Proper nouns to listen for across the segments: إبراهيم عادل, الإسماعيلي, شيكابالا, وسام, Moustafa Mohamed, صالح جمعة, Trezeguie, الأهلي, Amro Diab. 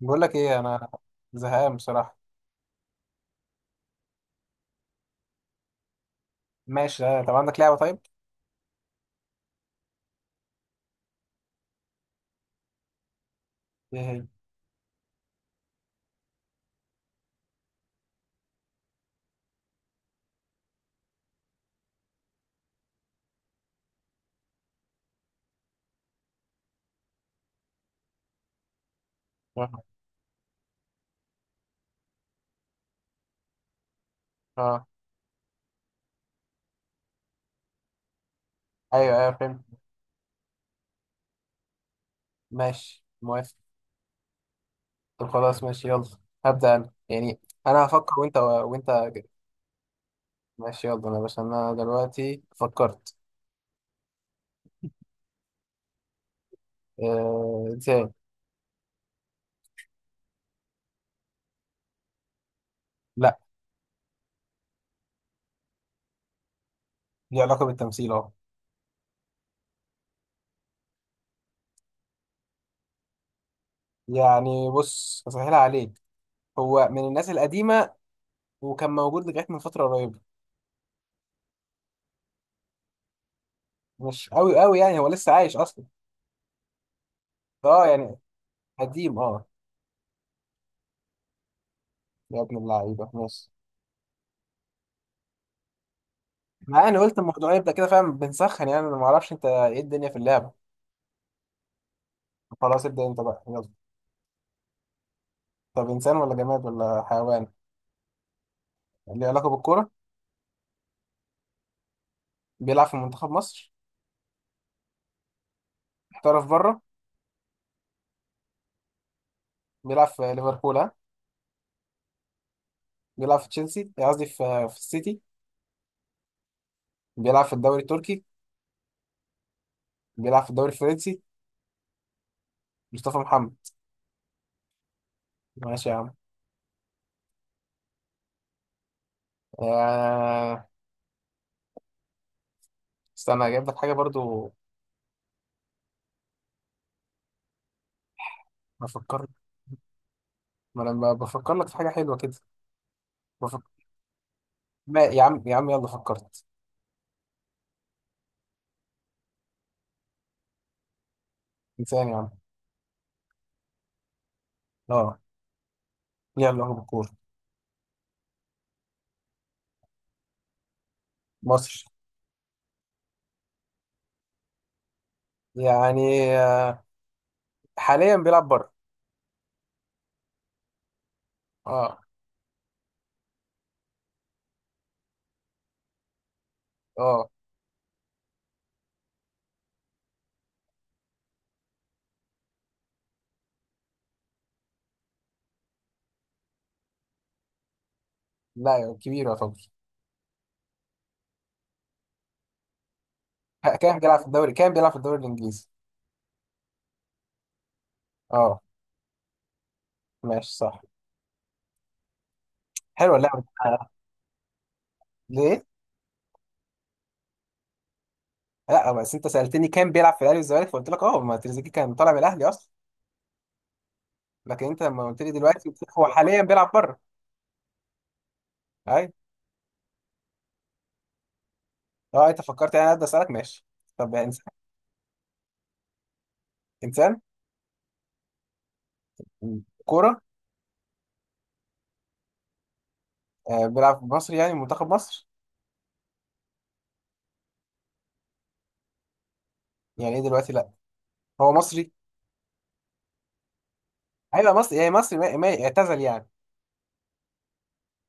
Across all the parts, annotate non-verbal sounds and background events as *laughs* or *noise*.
بقول لك ايه؟ انا زهقان بصراحه. ماشي طب عندك لعبه؟ طيب. *laughs* ايه هي؟ اه. آه. ايوه ايوه، فهمت. ماشي، موافق. طب خلاص، ماشي، يلا. هبدا انا يعني. انا هفكر وانت كده. ماشي يلا. انا بس انا دلوقتي فكرت. انسان. لا. ليه علاقه بالتمثيل اهو. يعني بص، هسهلها عليك. هو من الناس القديمه وكان موجود لغايه من فتره قريبه. مش قوي قوي، يعني هو لسه عايش اصلا. اه يعني. قديم، اه. يا ابن اللعيبه، ماشي. ما انا قلت الموضوع يبدا كده، فاهم؟ بنسخن يعني، انا ما اعرفش انت ايه الدنيا في اللعبه. خلاص، ابدا انت بقى، يلا. طب انسان ولا جماد ولا حيوان؟ اللي علاقه بالكوره. بيلعب في منتخب مصر. احترف بره. بيلعب في ليفربول؟ ها. بيلعب في تشيلسي، قصدي في السيتي. بيلعب في الدوري التركي. بيلعب في الدوري الفرنسي. مصطفى محمد. ماشي يا عم. آه... استنى اجيب لك حاجه برضو. بفكر. ما انا بفكر لك في حاجه حلوه كده. بفكر. ما يا عم، يا عم، يلا فكرت. انسان يا عم. اه. يلا، هو بالكوره. مصر. يعني حاليا بيلعب بره. اه. اه. لا، كبير يعتبر. كان بيلعب في الدوري، كان بيلعب في الدوري الانجليزي. اه. ماشي صح. حلوه اللعبه دي. ليه؟ لا بس انت سالتني كان بيلعب في الاهلي والزمالك، فقلت لك اه، ما تريزيجيه كان طالع من الاهلي اصلا. لكن انت لما قلت لي دلوقتي، قلت لك هو حاليا بيلعب بره. ايوه. اه انت فكرت يعني، انا اسالك، ماشي. طب يعني انسان. انسان. كوره. بيلعب في مصر، يعني منتخب مصر. يعني ايه دلوقتي لا؟ هو مصري. ايوه مصري، يعني مصري اعتزل يعني.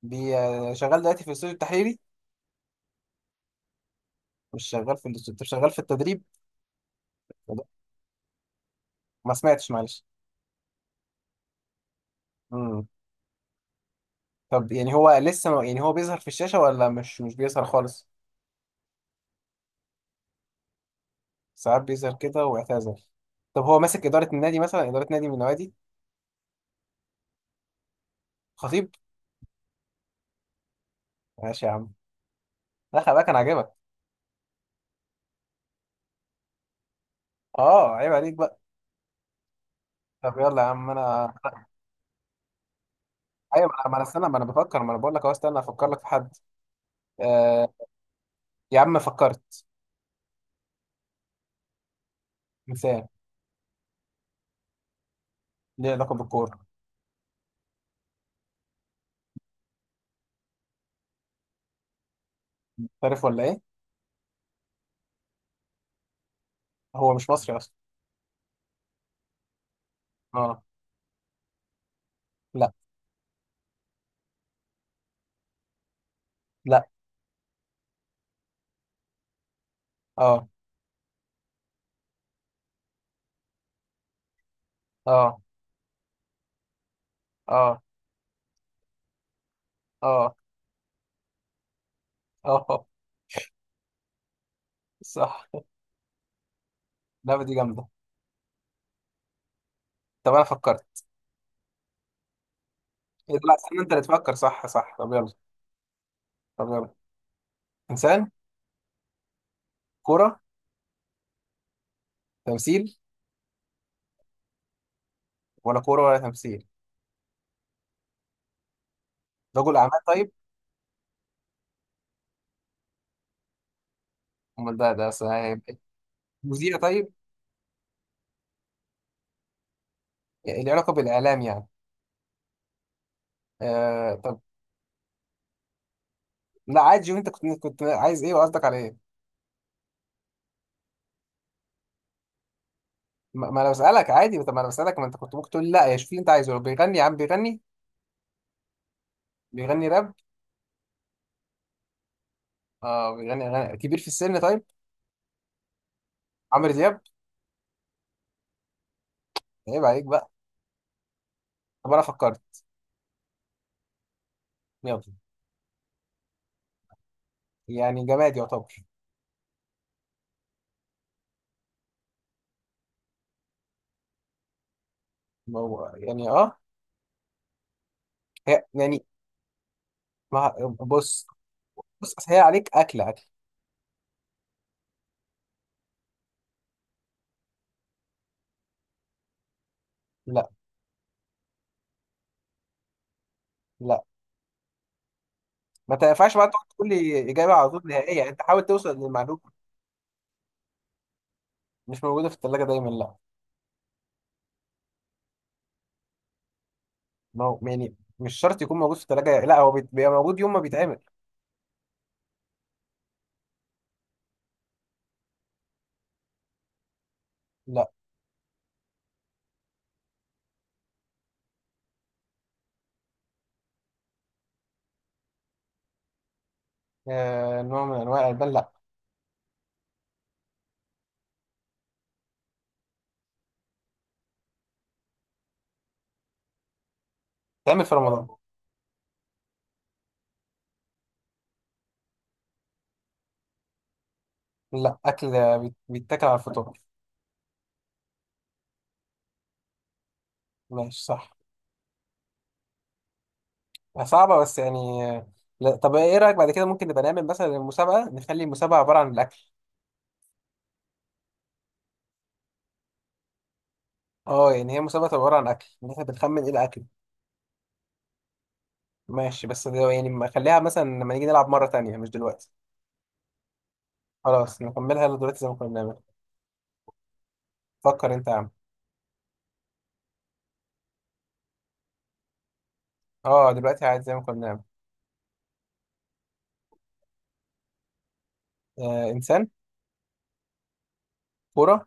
شغال دلوقتي في الاستوديو التحليلي. مش شغال في الاندستري؟ طب شغال في التدريب؟ ما سمعتش، معلش. امم طب يعني هو لسه يعني هو بيظهر في الشاشة ولا مش بيظهر خالص؟ ساعات بيظهر كده واعتزل. طب هو ماسك إدارة النادي مثلا؟ إدارة نادي من النوادي. خطيب. ماشي يا عم. لا خلي بالك، أنا عاجبك. أه عيب عليك بقى. طب يلا يا عم أنا. أيوة، ما أنا ما أنا استنى، ما أنا بفكر، ما أنا بقول لك أهو، استنى أفكر لك في حد. آه... يا عم فكرت. مثال. ليه علاقة بالكورة. عارف ولا إيه؟ هو مش مصري أصلا. أه. لا. لا. أه. أه. أه. أه. أه. صح. اللعبة دي جامدة. طب أنا فكرت. إيه ده؟ لا استنى، أنت اللي تفكر. صح صح، طب يلا. طب يلا. إنسان. كورة. تمثيل. ولا كورة ولا تمثيل. رجل أعمال طيب. أمال ده ده أصل هيبقى إيه؟ مذيع طيب. اللي علاقة بالإعلام يعني. آه طب. لا عادي، شوف أنت كنت عايز إيه وقصدك على إيه. ما أنا بسألك عادي، طب ما أنا بسألك، ما أنت كنت ممكن تقول لي لا يا شوف اللي أنت عايزه، بيغني يا عم، بيغني. بيغني راب؟ اه بيغني أغاني. كبير في السن طيب. عمرو دياب. عيب عليك بقى. طب أنا فكرت. يلا. يعني جماد يعتبر. ما هو- يعني اه. هي يعني. ما بص. بص أصل هي عليك، اكل. اكل. لا. لا، ما تنفعش بقى تقعد تقول لي اجابه على طول نهائيه، انت حاول توصل للمعلومه. مش موجوده في الثلاجه دايما، لا. ما هو يعني مش شرط يكون موجود في الثلاجه، لا هو بيبقى موجود يوم ما بيتعمل. لا. آه نوع من انواع الالبان، لا. بيتعمل في رمضان. لا اكل. بيتاكل على الفطار. ماشي صح. صعبه بس يعني لا. طب ايه رايك بعد كده ممكن نبقى نعمل مثلا المسابقه، نخلي المسابقه عباره عن الاكل. اه يعني هي مسابقه تبقى عباره عن اكل، ان احنا بنخمن ايه الاكل. ماشي بس ده يعني، ما خليها مثلا لما نيجي نلعب مرة تانية، مش دلوقتي. خلاص نكملها دلوقتي زي ما كنا بنعمل. فكر انت يا عم. اه دلوقتي عادي، زي ما كنا بنعمل. آه انسان. كورة.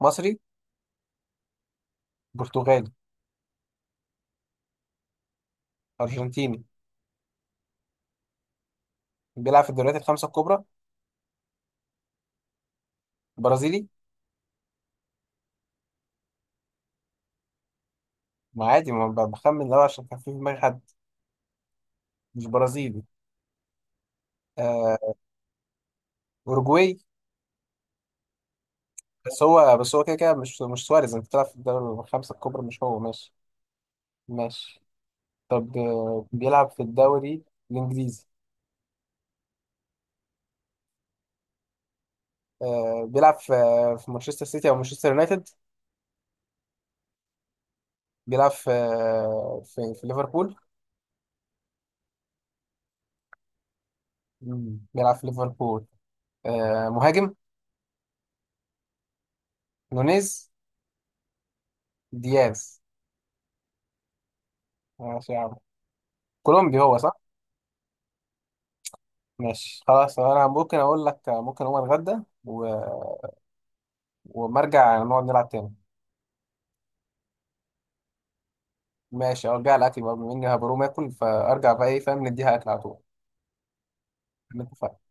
مصري. برتغالي. ارجنتيني. بيلعب في الدوريات الخمسة الكبرى. برازيلي. ما عادي، ما بخمن لو عشان كان في في دماغي حد. مش برازيلي. آه. اوروجواي. بس هو كده كده، مش سواريز؟ انت بتلعب في الدوري الخمسة الكبرى، مش هو؟ ماشي. ماشي. طب بيلعب في الدوري الانجليزي. بيلعب في في مانشستر سيتي او مانشستر يونايتد. بيلعب في في ليفربول. مم. بيلعب في ليفربول. مهاجم. نونيز. دياز. ماشي يا عم. كولومبي هو، صح. ماشي خلاص. انا ممكن اقول لك، ممكن اقوم اتغدى و... وما ارجع نقعد نلعب تاني. ماشي ارجع الاكل بقى، بما اني هبقى اقوم اكل فارجع بقى، ايه فاهم؟ نديها اكل على طول. نتفق.